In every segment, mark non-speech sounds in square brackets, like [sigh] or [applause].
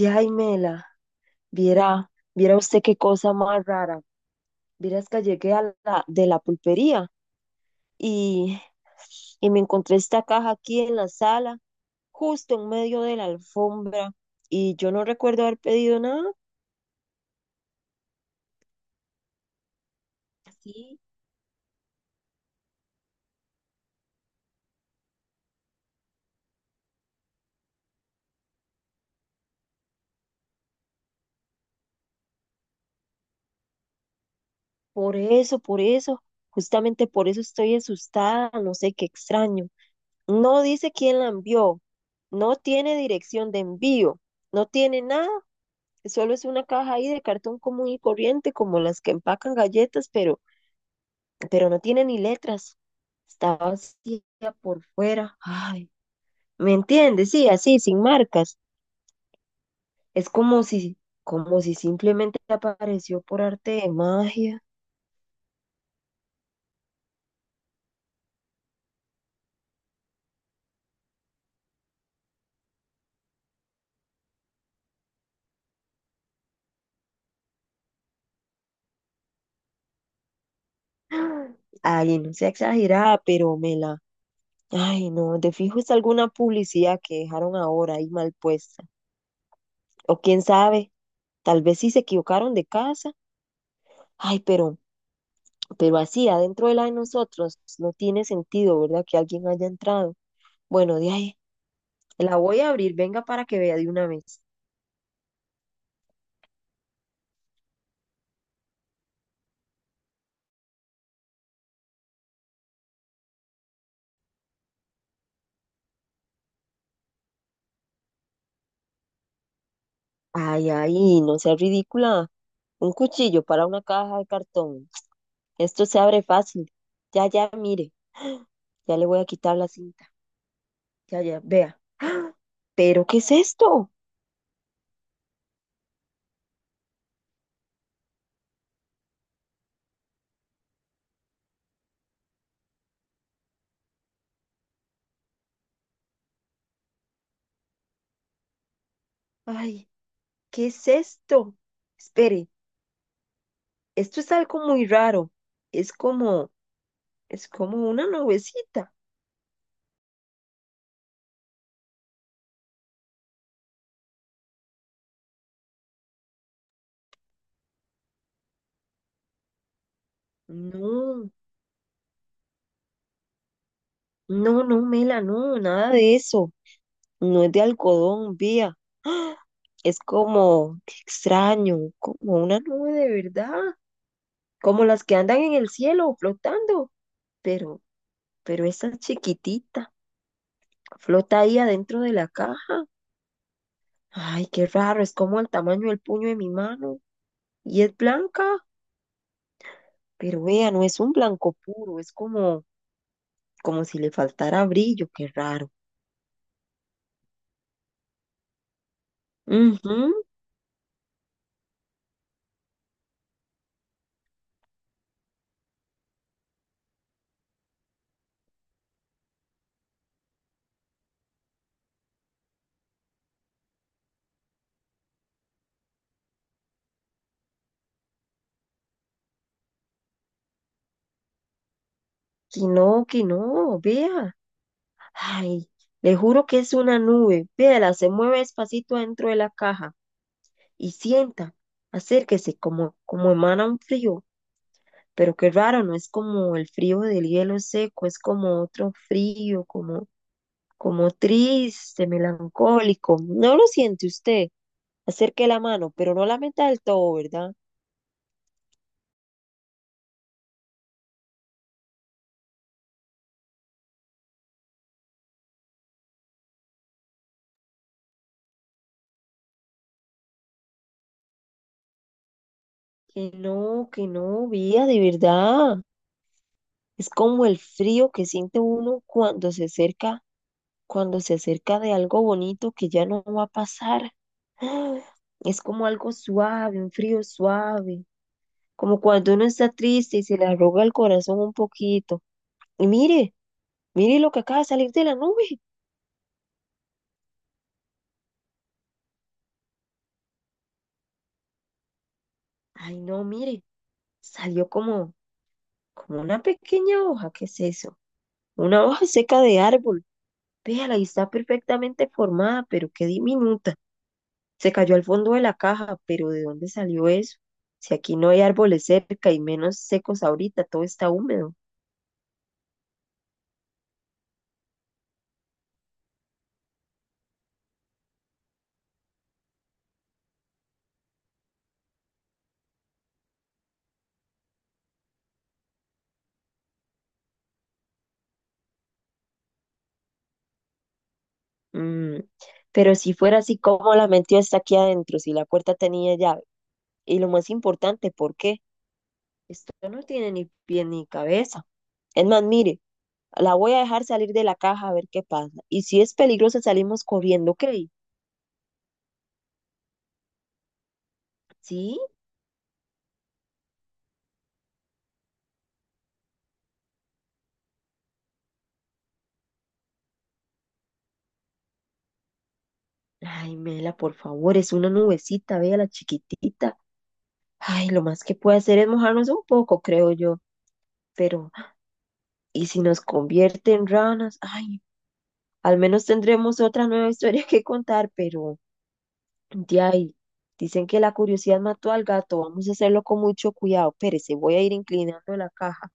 Yaimela, viera usted qué cosa más rara. Vieras que llegué de la pulpería y, y me encontré esta caja aquí en la sala, justo en medio de la alfombra, y yo no recuerdo haber pedido nada. Sí, por eso, justamente por eso estoy asustada, no sé qué extraño. No dice quién la envió, no tiene dirección de envío, no tiene nada. Solo es una caja ahí de cartón común y corriente, como las que empacan galletas, pero no tiene ni letras. Está vacía por fuera. Ay, ¿me entiendes? Sí, así, sin marcas. Es como si simplemente apareció por arte de magia. Ay, no sea exagerada, pero me la. Ay, no, de fijo es alguna publicidad que dejaron ahora ahí mal puesta. O quién sabe, tal vez sí se equivocaron de casa. Ay, pero así adentro de la de nosotros no tiene sentido, ¿verdad? Que alguien haya entrado. Bueno, de ahí, la voy a abrir, venga para que vea de una vez. Ay, ay, no sea ridícula. Un cuchillo para una caja de cartón. Esto se abre fácil. Ya, ya, mire, ya le voy a quitar la cinta. Ya, ya, vea. ¿Pero qué es esto? Ay, ¿qué es esto? Espere, esto es algo muy raro. Es como, es como una nubecita. No, no, no, Mela, no, nada de eso. No es de algodón, vía. ¡Ah! Es como qué extraño, como una nube de verdad, como las que andan en el cielo flotando. Pero, pero esa chiquitita flota ahí adentro de la caja. Ay, qué raro, es como el tamaño del puño de mi mano. Y es blanca, pero vea, no es un blanco puro, es como si le faltara brillo, qué raro. Ujú, que no, vea. Ay, le juro que es una nube. Véala, se mueve despacito dentro de la caja y sienta, acérquese, como emana un frío. Pero qué raro, no es como el frío del hielo seco, es como otro frío, como triste, melancólico. No lo siente usted. Acerque la mano, pero no la meta del todo, ¿verdad? Que no, vía, de verdad. Es como el frío que siente uno cuando se acerca de algo bonito que ya no va a pasar. [gasps] ¡Ah! Es como algo suave, un frío suave, como cuando uno está triste y se le arruga el corazón un poquito. Y mire lo que acaba de salir de la nube. Ay, no, mire, salió como una pequeña hoja, ¿qué es eso? Una hoja seca de árbol. Véala y está perfectamente formada, pero qué diminuta. Se cayó al fondo de la caja, pero ¿de dónde salió eso? Si aquí no hay árboles cerca y menos secos ahorita, todo está húmedo. Mm. Pero si fuera así, ¿cómo la metió hasta aquí adentro si la puerta tenía llave? Y lo más importante, ¿por qué? Esto no tiene ni pie ni cabeza. Es más, mire, la voy a dejar salir de la caja a ver qué pasa. Y si es peligroso, salimos corriendo, ¿ok? ¿Sí? Ay, Mela, por favor, es una nubecita, vea la chiquitita. Ay, lo más que puede hacer es mojarnos un poco, creo yo. Pero y si nos convierte en ranas, ay, al menos tendremos otra nueva historia que contar, pero de ahí, dicen que la curiosidad mató al gato, vamos a hacerlo con mucho cuidado. Pérese, voy a ir inclinando la caja.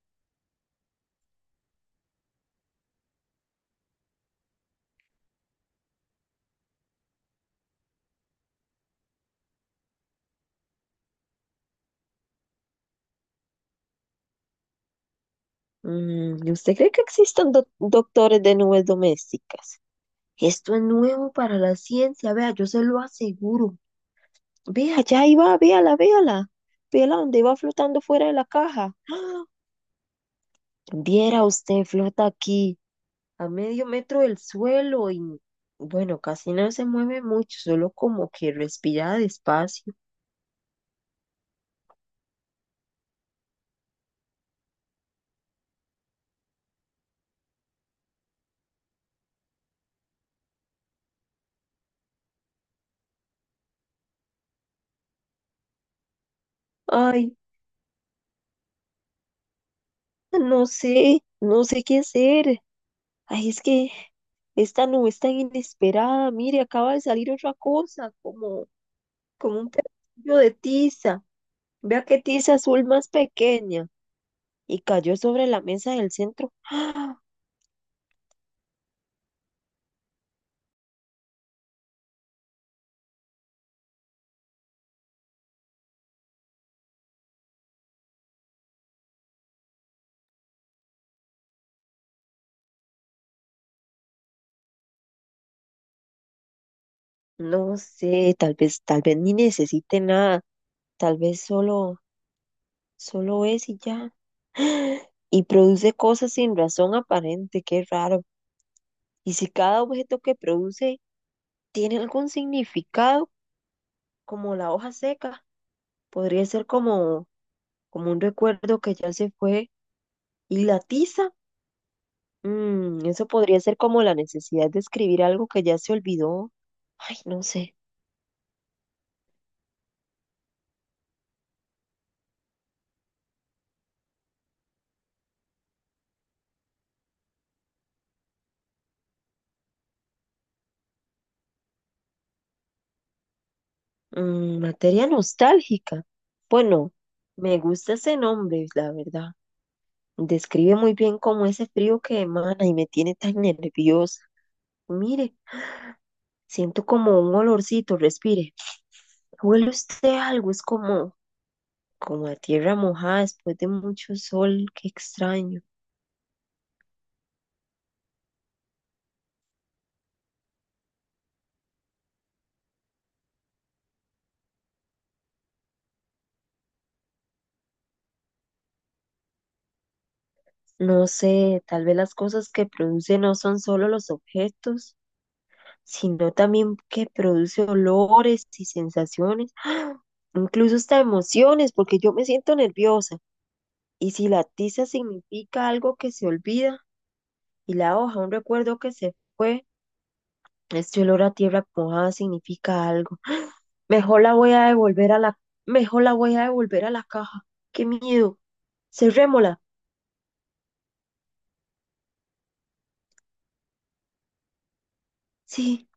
Mm, ¿Usted cree que existan doctores de nubes domésticas? Esto es nuevo para la ciencia, vea, yo se lo aseguro. Vea, ya ahí va, véala, véala. Véala donde va flotando fuera de la caja. ¡Ah! Viera usted, flota aquí, a medio metro del suelo y bueno, casi no se mueve mucho, solo como que respira despacio. Ay, no sé, no sé qué hacer. Ay, es que esta nube es tan inesperada. Mire, acaba de salir otra cosa, como un pedacillo de tiza. Vea qué tiza azul más pequeña. Y cayó sobre la mesa del centro. ¡Ah! No sé, tal vez ni necesite nada. Tal vez solo es y ya. Y produce cosas sin razón aparente, qué raro. Y si cada objeto que produce tiene algún significado, como la hoja seca, podría ser como un recuerdo que ya se fue y la tiza. Eso podría ser como la necesidad de escribir algo que ya se olvidó. Ay, no sé. Materia nostálgica. Bueno, me gusta ese nombre, la verdad. Describe muy bien cómo ese frío que emana y me tiene tan nerviosa. Mire. Siento como un olorcito, respire. Huele usted algo, es como a tierra mojada después de mucho sol, qué extraño. No sé, tal vez las cosas que produce no son solo los objetos, sino también que produce olores y sensaciones, incluso hasta emociones, porque yo me siento nerviosa. Y si la tiza significa algo que se olvida y la hoja un recuerdo que se fue, este olor a tierra mojada significa algo. Mejor la voy a devolver a la, mejor la voy a devolver a la caja. Qué miedo. Cerrémosla. Sí.